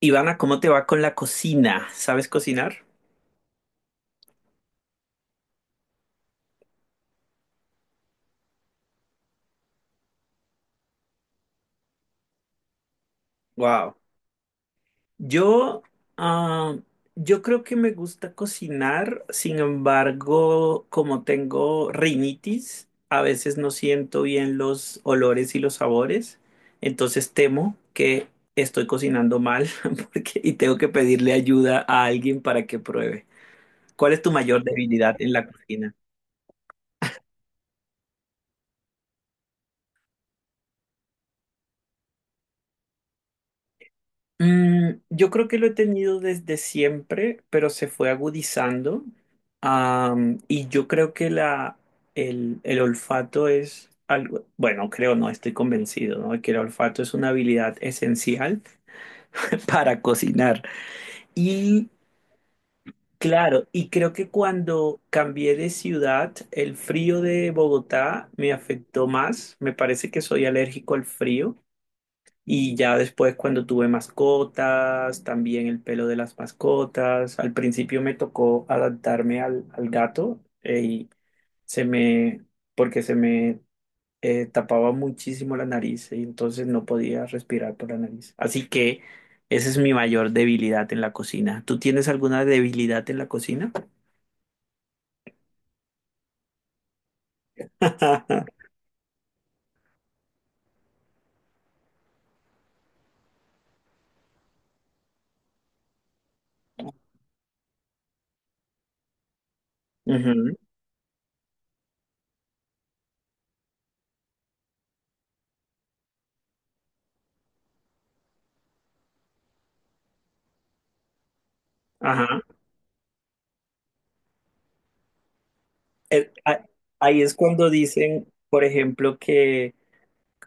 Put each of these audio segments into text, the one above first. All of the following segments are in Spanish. Ivana, ¿cómo te va con la cocina? ¿Sabes cocinar? Wow. Yo, ah, yo creo que me gusta cocinar, sin embargo, como tengo rinitis, a veces no siento bien los olores y los sabores, entonces temo que estoy cocinando mal y tengo que pedirle ayuda a alguien para que pruebe. ¿Cuál es tu mayor debilidad en la cocina? Yo creo que lo he tenido desde siempre, pero se fue agudizando. Y yo creo que el olfato es algo, bueno, creo, no estoy convencido, ¿no? Que el olfato es una habilidad esencial para cocinar. Y claro, y creo que cuando cambié de ciudad, el frío de Bogotá me afectó más. Me parece que soy alérgico al frío. Y ya después cuando tuve mascotas, también el pelo de las mascotas. Al principio me tocó adaptarme al gato y se me, porque se me tapaba muchísimo la nariz y entonces no podía respirar por la nariz. Así que esa es mi mayor debilidad en la cocina. ¿Tú tienes alguna debilidad en la cocina? Ujú. Ajá. Eh, a- ahí es cuando dicen, por ejemplo, que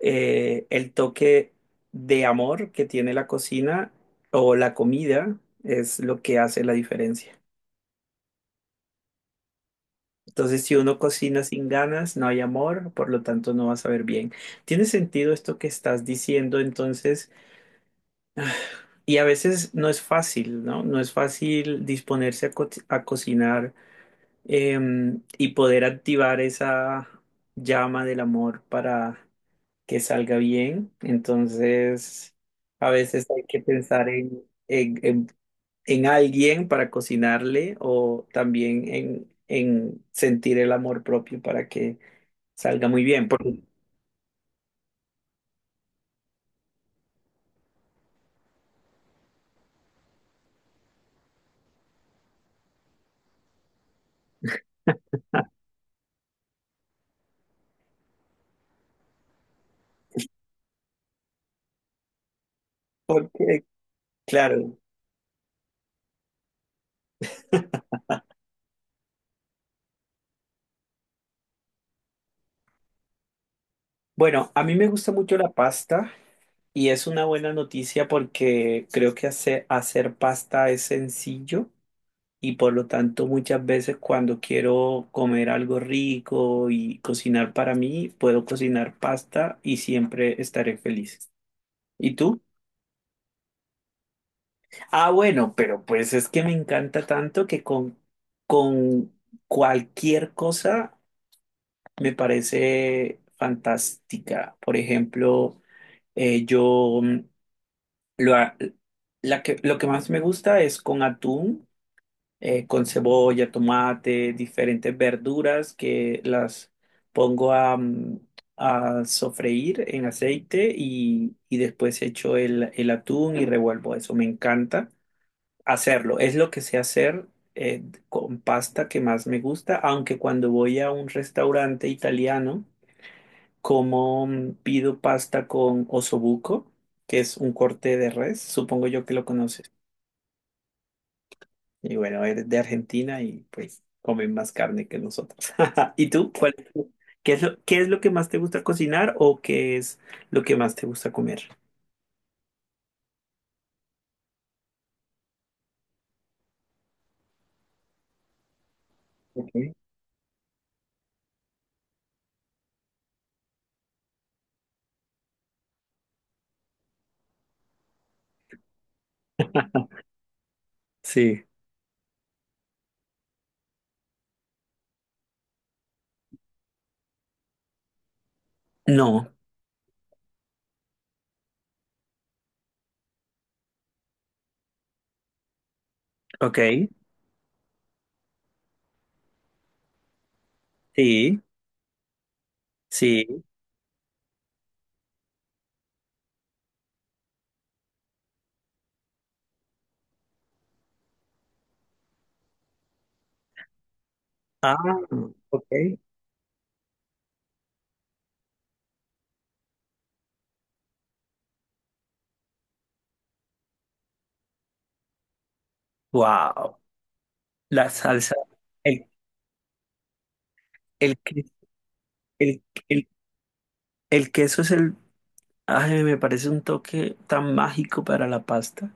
el toque de amor que tiene la cocina o la comida es lo que hace la diferencia. Entonces, si uno cocina sin ganas, no hay amor, por lo tanto no va a saber bien. Tiene sentido esto que estás diciendo, entonces, y a veces no es fácil, ¿no? No es fácil disponerse a, co- a cocinar y poder activar esa llama del amor para que salga bien. Entonces, a veces hay que pensar en alguien para cocinarle o también en sentir el amor propio para que salga muy bien. Porque, claro, bueno, a mí me gusta mucho la pasta y es una buena noticia porque creo que hacer pasta es sencillo. Y por lo tanto muchas veces cuando quiero comer algo rico y cocinar para mí, puedo cocinar pasta y siempre estaré feliz. ¿Y tú? Ah, bueno, pero pues es que me encanta tanto que con cualquier cosa me parece fantástica. Por ejemplo, yo mm, lo, ha- la que, lo que más me gusta es con atún con cebolla, tomate, diferentes verduras que las pongo a sofreír en aceite y después echo el atún y revuelvo eso. Me encanta hacerlo. Es lo que sé hacer con pasta que más me gusta, aunque cuando voy a un restaurante italiano, como pido pasta con osobuco, que es un corte de res, supongo yo que lo conoces. Y bueno, eres de Argentina y pues comen más carne que nosotros. ¿Y tú? ¿Cuál ¿Qué es lo que más te gusta cocinar o qué es lo que más te gusta comer? Ok. Sí. No. Ok. Sí. Sí. Ah, ok. Wow. La salsa. El, el, que- el, el, el queso es el. Ay, me parece un toque tan mágico para la pasta.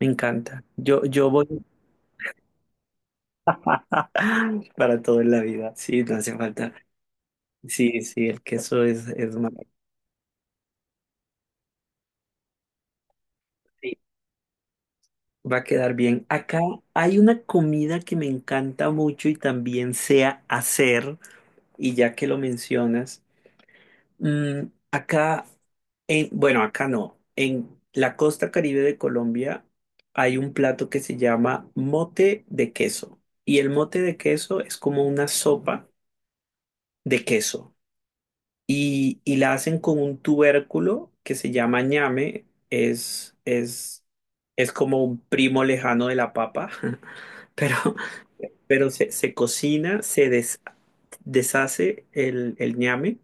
Me encanta. Yo voy para todo en la vida. Sí, no hace falta. Sí, sí, el queso es más. Sí, va a quedar bien. Acá hay una comida que me encanta mucho y también sé hacer, y ya que lo mencionas, mm, acá, bueno, acá no, en la costa Caribe de Colombia hay un plato que se llama mote de queso, y el mote de queso es como una sopa de queso. Y la hacen con un tubérculo que se llama ñame, es como un primo lejano de la papa, pero, pero se cocina, deshace el ñame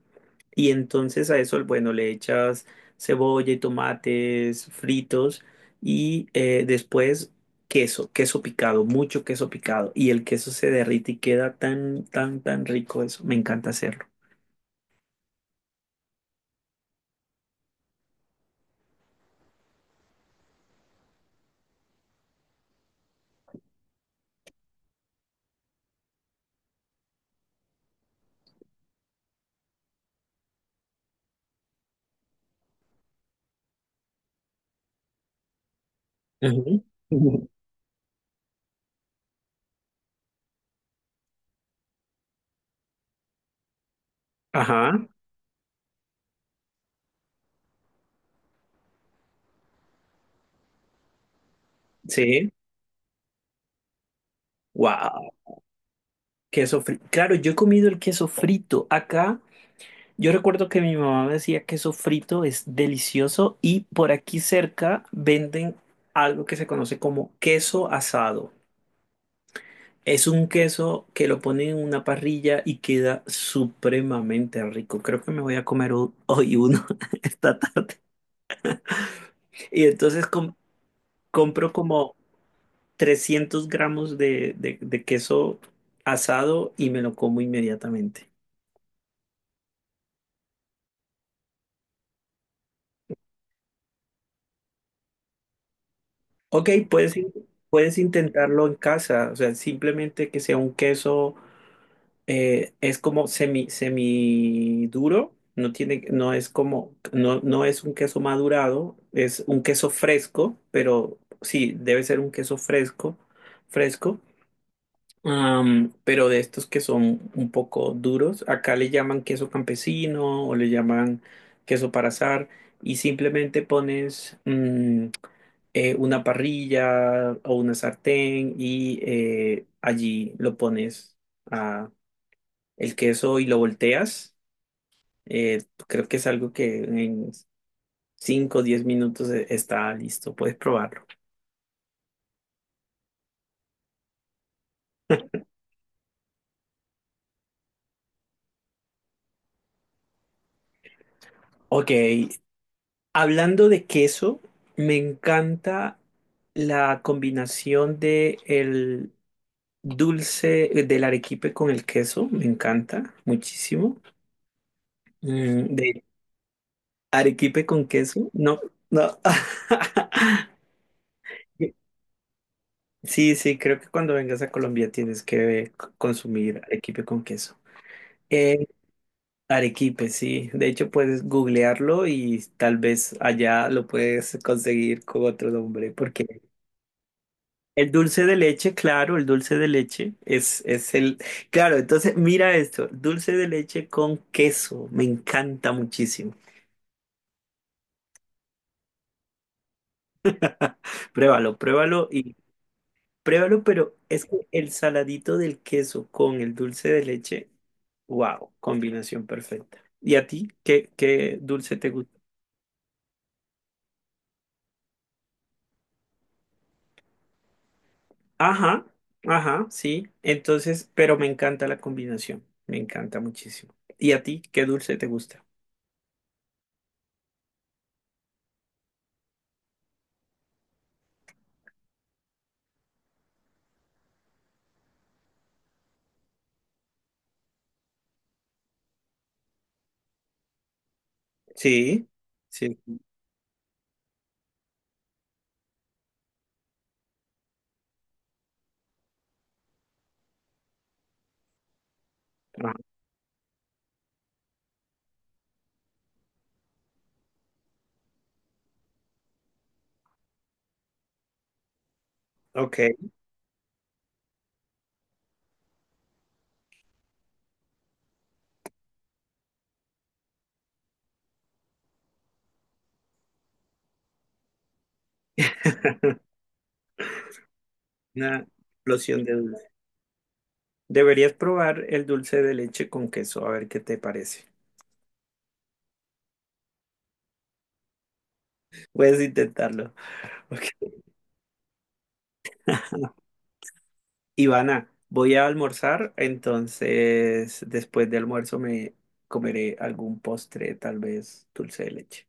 y entonces a eso, bueno, le echas cebolla y tomates fritos y después queso, queso picado, mucho queso picado y el queso se derrite y queda tan, tan, tan rico eso, me encanta hacerlo. Ujú. Ajá, sí. Wow, queso frito. Claro, yo he comido el queso frito acá. Yo recuerdo que mi mamá me decía queso frito es delicioso y por aquí cerca venden algo que se conoce como queso asado. Es un queso que lo ponen en una parrilla y queda supremamente rico. Creo que me voy a comer hoy uno esta tarde. Y entonces compro como 300 gramos de queso asado y me lo como inmediatamente. Ok, puedes intentarlo en casa, o sea, simplemente que sea un queso, es como semi duro, no tiene, no es como, no es un queso madurado, es un queso fresco, pero sí, debe ser un queso fresco, fresco. Pero de estos que son un poco duros, acá le llaman queso campesino o le llaman queso para asar y simplemente pones una parrilla o una sartén y allí lo pones a el queso y lo volteas. Creo que es algo que en cinco o 10 minutos está listo, puedes probarlo. Ok, hablando de queso, me encanta la combinación de el dulce del arequipe con el queso, me encanta muchísimo. De arequipe con queso, no, no. Sí, sí, creo que cuando vengas a Colombia tienes que consumir arequipe con queso. Eh, arequipe, sí. De hecho, puedes googlearlo y tal vez allá lo puedes conseguir con otro nombre, porque el dulce de leche, claro, el dulce de leche es el... Claro, entonces mira esto, dulce de leche con queso, me encanta muchísimo. Pruébalo, pruébalo y pruébalo, pero es que el saladito del queso con el dulce de leche, wow, combinación perfecta. ¿Y a ti qué dulce te gusta? Ajá, ajá, sí, entonces, pero me encanta la combinación, me encanta muchísimo. ¿Y a ti qué dulce te gusta? Sí, sí, ajá, ok. Una explosión de dulce. Deberías probar el dulce de leche con queso, a ver qué te parece. Puedes intentarlo. Ok. Ivana, voy a almorzar, entonces después de almuerzo me comeré algún postre, tal vez dulce de leche.